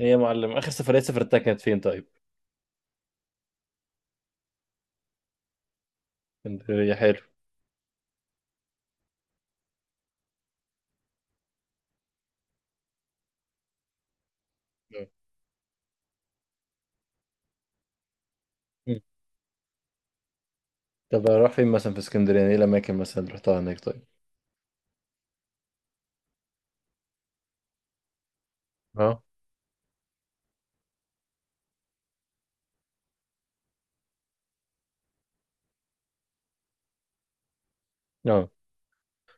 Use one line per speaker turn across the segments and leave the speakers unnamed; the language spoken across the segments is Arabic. ايه يا معلم، اخر سفريه سافرتها كانت فين طيب؟ اسكندريه، حلو. مم. طب اروح فين مثلا في اسكندريه؟ يعني ايه الاماكن مثلا اللي رحتها هناك طيب؟ اه، اه،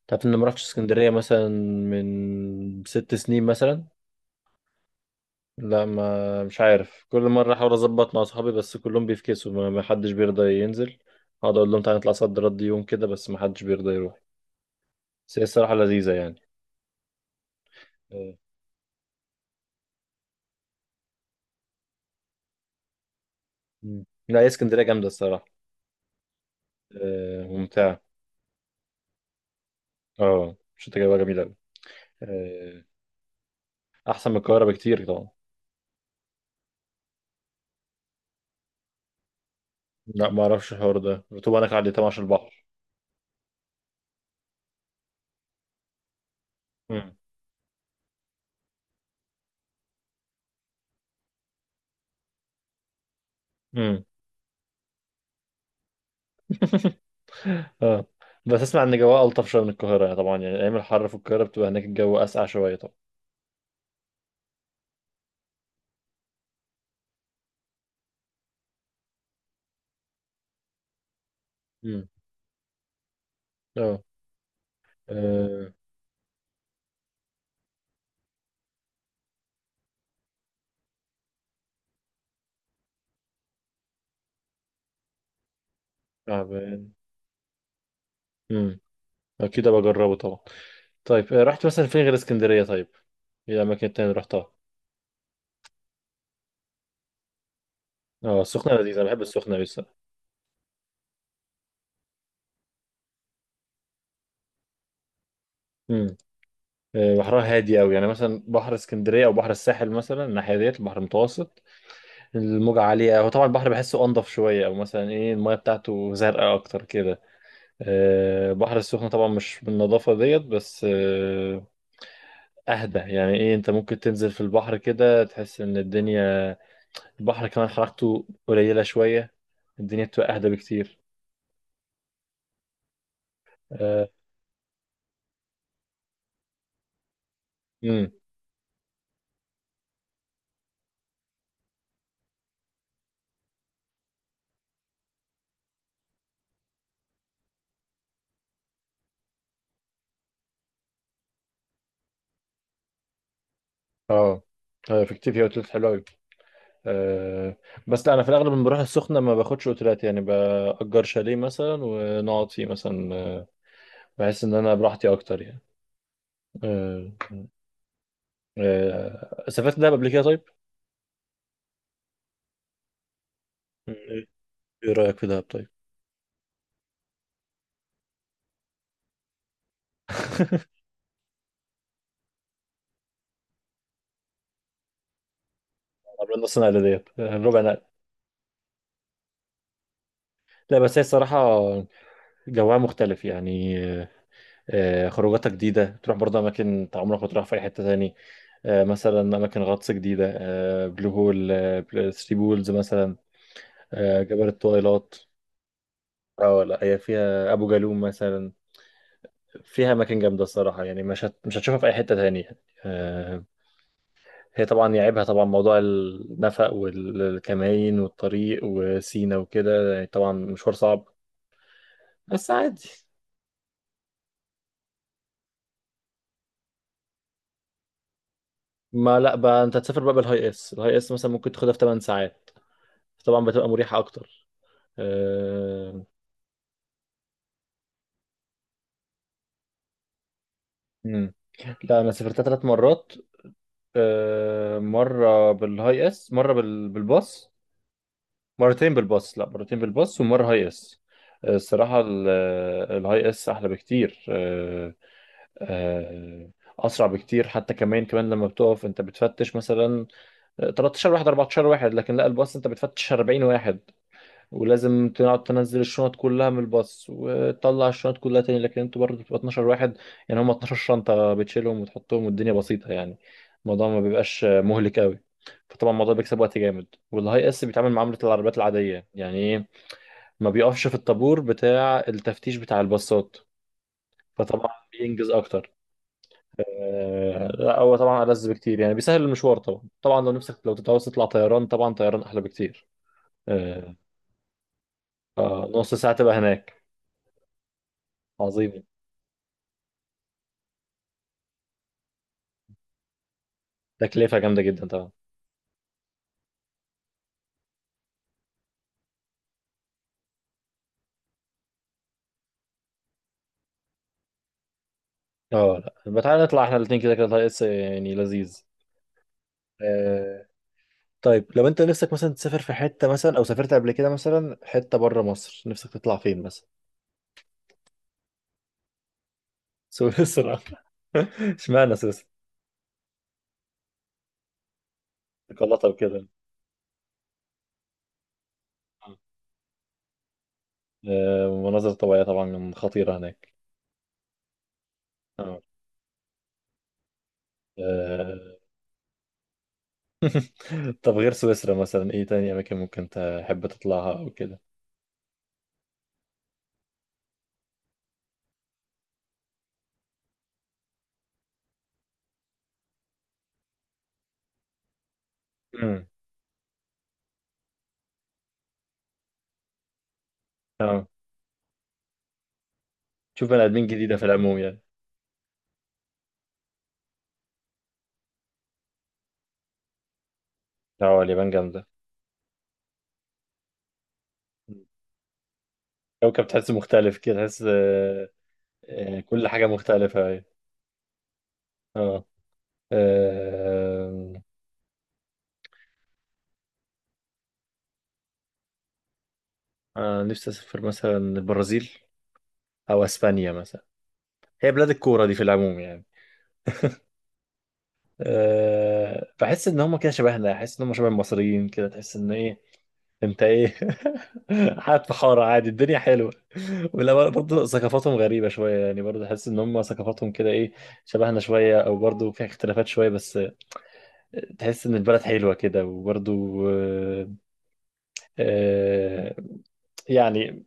تعرف اني ما رحتش اسكندريه مثلا من 6 سنين مثلا. لا، ما مش عارف، كل مره احاول اظبط مع اصحابي بس كلهم بيفكسوا، ما حدش بيرضى ينزل. اقعد اقول لهم تعالى نطلع صد رد يوم كده، بس ما حدش بيرضى يروح. بس هي الصراحه لذيذه يعني. آه. مم. لا، هي اسكندريه جامده الصراحه. آه، ممتعه. اه، مش تجربه جميله أوي. آه، احسن من القاهره بكتير طبعا. لا ما اعرفش الحوار ده، رطوبة هناك عالية طبعا عشان البحر. امم. امم. اه، بس اسمع ان جوها الطف شويه من القاهره، يعني طبعا، يعني ايام الحر في القاهره بتبقى هناك الجو اسقع شويه طبعا. امم. اه. آه، تعبان. امم. اكيد ابقى اجربه طبعا. طيب، رحت مثلا فين غير اسكندريه طيب؟ ايه الاماكن التانية اللي رحتها؟ اه، السخنه لذيذه، انا بحب السخنه أوي الصراحه. امم. آه، بحرها هادي قوي. يعني مثلا بحر اسكندريه او بحر الساحل مثلا، الناحيه ديت البحر المتوسط، الموجة عالية. هو طبعا البحر بحسه أنضف شوية، أو مثلا إيه، المياه بتاعته زرقاء أكتر كده. آه، البحر السخن طبعا مش بالنظافة ديت، بس أهدى يعني. إيه، أنت ممكن تنزل في البحر كده، تحس إن الدنيا، البحر كمان حركته قليلة شوية، الدنيا بتبقى أهدى بكتير. آه. امم. اه. آه، في كتير فيها اوتيلات حلوه قوي. آه، بس لا، انا في الاغلب لما بروح السخنه ما باخدش اوتيلات، يعني باجر شاليه مثلا ونقعد فيه مثلا، بحس ان انا براحتي اكتر يعني. آه. آه، سافرت دهب قبل كده طيب؟ مم. إيه رأيك في دهب طيب؟ عملنا نص نقلة ديت، ربع نقل. لا، بس هي الصراحة جوها مختلف يعني. خروجاتها جديدة، تروح برضه أماكن أنت عمرك ما تروح في أي حتة تاني. مثلا أماكن غطس جديدة، بلو هول، ثري بولز مثلا، جبل الطويلات. اه لا، هي فيها أبو جالوم مثلا، فيها أماكن جامدة الصراحة يعني. مش هتشوفها في أي حتة تانية يعني. آه. هي طبعا يعيبها طبعا موضوع النفق والكمائن والطريق وسينا وكده، يعني طبعا مشوار صعب، بس عادي. ما لا بقى انت تسافر بقى بالهاي اس، الهاي اس مثلا ممكن تاخدها في 8 ساعات، طبعا بتبقى مريحة اكتر. أه... مم. لا انا سافرتها 3 مرات. أه... مرة بالهاي اس، مرة بالباص. مرتين بالباص، لا مرتين بالباص ومرة هاي اس. الصراحة الهاي اس احلى بكتير. آه. آه، اسرع بكتير حتى. كمان كمان لما بتقف انت بتفتش مثلا 13 واحد، 14 واحد، لكن لا الباص انت بتفتش 40 واحد، ولازم تقعد تنزل الشنط كلها من الباص وتطلع الشنط كلها تاني. لكن انتوا برضه بتبقى 12 واحد، يعني هم 12 شنطة بتشيلهم وتحطهم، والدنيا بسيطة يعني، الموضوع ما بيبقاش مهلك قوي. فطبعا الموضوع بيكسب وقت جامد، والهاي اس بيتعامل معاملة العربيات العادية، يعني ايه، ما بيقفش في الطابور بتاع التفتيش بتاع الباصات، فطبعا بينجز اكتر. آه، لا هو طبعا ألذ بكتير يعني، بيسهل المشوار طبعا. طبعا لو نفسك، لو تتعوز تطلع طيران، طبعا طيران أحلى بكتير. آه، فنص ساعة تبقى هناك. عظيم. تكلفة جامدة جدا طبعا. اه لا، ما تعالى نطلع احنا الاتنين، كده كده طريق يعني لذيذ. آه، طيب لو انت نفسك مثلا تسافر في حتة مثلا، او سافرت قبل كده مثلا حتة بره مصر، نفسك تطلع فين مثلا؟ سويسرا. اشمعنى سويسرا؟ قلطة وكده. آه، مناظر طبيعية طبعا خطيرة هناك. آه. آه، طب غير سويسرا مثلا ايه تاني اماكن ممكن تحب تطلعها او كده؟ امم. اه، تشوف بني ادمين جديده في العموم يعني. اه، اليابان جامده. مم. كوكب. تحس مختلف كده، تحس كل حاجه مختلفه، أيوة. اه. آه، نفسي اسافر مثلا البرازيل، او اسبانيا مثلا. هي بلاد الكوره دي في العموم يعني. أه، بحس ان هم كده شبهنا، احس ان هم شبه المصريين كده، تحس ان ايه، انت ايه، قاعد في حارة عادي الدنيا حلوة. ولا برضه ثقافاتهم غريبة شوية، يعني برضه تحس ان هم ثقافاتهم كده ايه، شبهنا شوية، او برضه فيها اختلافات شوية، بس تحس ان البلد حلوة كده. وبرضه، آه، آه، يعني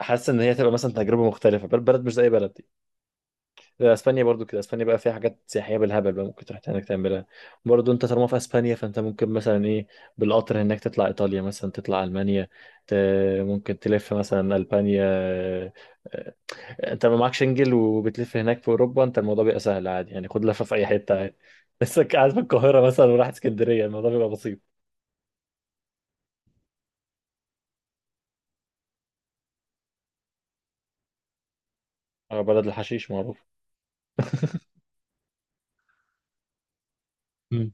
حاسس ان هي تبقى مثلا تجربة مختلفة، بلد مش زي بلد. اسبانيا برضو كده، اسبانيا بقى فيها حاجات سياحيه بالهبل بقى، ممكن تروح هناك تعملها. برضو انت طالما في اسبانيا، فانت ممكن مثلا ايه، بالقطر هناك تطلع ايطاليا مثلا، تطلع المانيا، ت... ممكن تلف مثلا البانيا. آه، انت ما معكش انجل وبتلف هناك في اوروبا، انت الموضوع بيبقى سهل عادي يعني، خد لفه في اي حته عادي. بس قاعد في القاهره مثلا وراح اسكندريه، الموضوع بيبقى بسيط. اه، بلد الحشيش معروف. مم.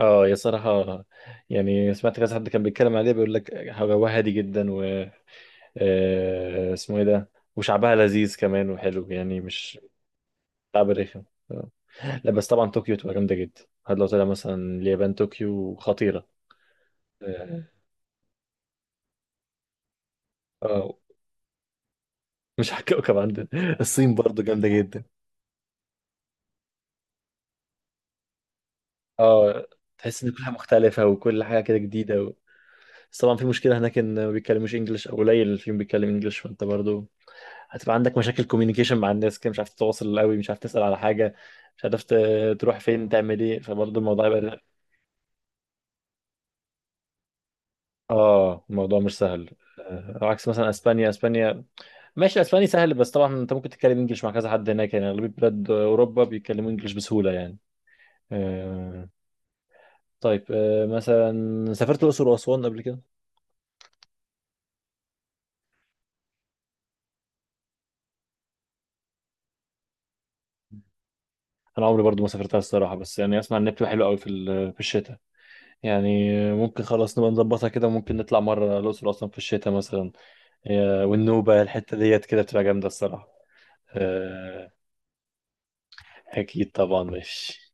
اه يا صراحة، يعني سمعت كذا حد كان بيتكلم عليه بيقول لك هواها هادي جدا، اسمه ايه ده، وشعبها لذيذ كمان وحلو يعني، مش شعب رخم. آه. لا بس طبعا طوكيو تبقى جامدة جدا. هاد لو طلع مثلا اليابان، طوكيو خطيرة. اه. آه، مش على الكوكب عندنا. الصين برضو جامدة جدا. اه. تحس ان كل حاجة مختلفة، وكل حاجة كده جديدة و... بس طبعا في مشكلة هناك ان ما بيتكلموش انجلش، او قليل اللي فيهم بيتكلم انجلش، فانت برضو هتبقى عندك مشاكل كوميونيكيشن مع الناس كده، مش عارف تتواصل قوي، مش عارف تسأل على حاجة، مش عارف تروح فين تعمل ايه، فبرضو الموضوع هيبقى. اه، الموضوع مش سهل. آه، عكس مثلا اسبانيا. اسبانيا ماشي، الاسباني سهل. بس طبعا انت ممكن تتكلم انجلش مع كذا حد هناك يعني، اغلبيه بلاد اوروبا بيتكلموا انجلش بسهوله يعني. آه. طيب، مثلا سافرت الاقصر واسوان قبل كده؟ انا عمري برضو ما سافرتها الصراحه، بس يعني اسمع ان بتبقى حلوه قوي في في الشتاء. يعني ممكن خلاص نبقى نظبطها كده، وممكن نطلع مره الاقصر واسوان في الشتاء مثلا. آه، والنوبه الحته ديت كده بتبقى جامده الصراحه. آه. اكيد طبعا، ماشي.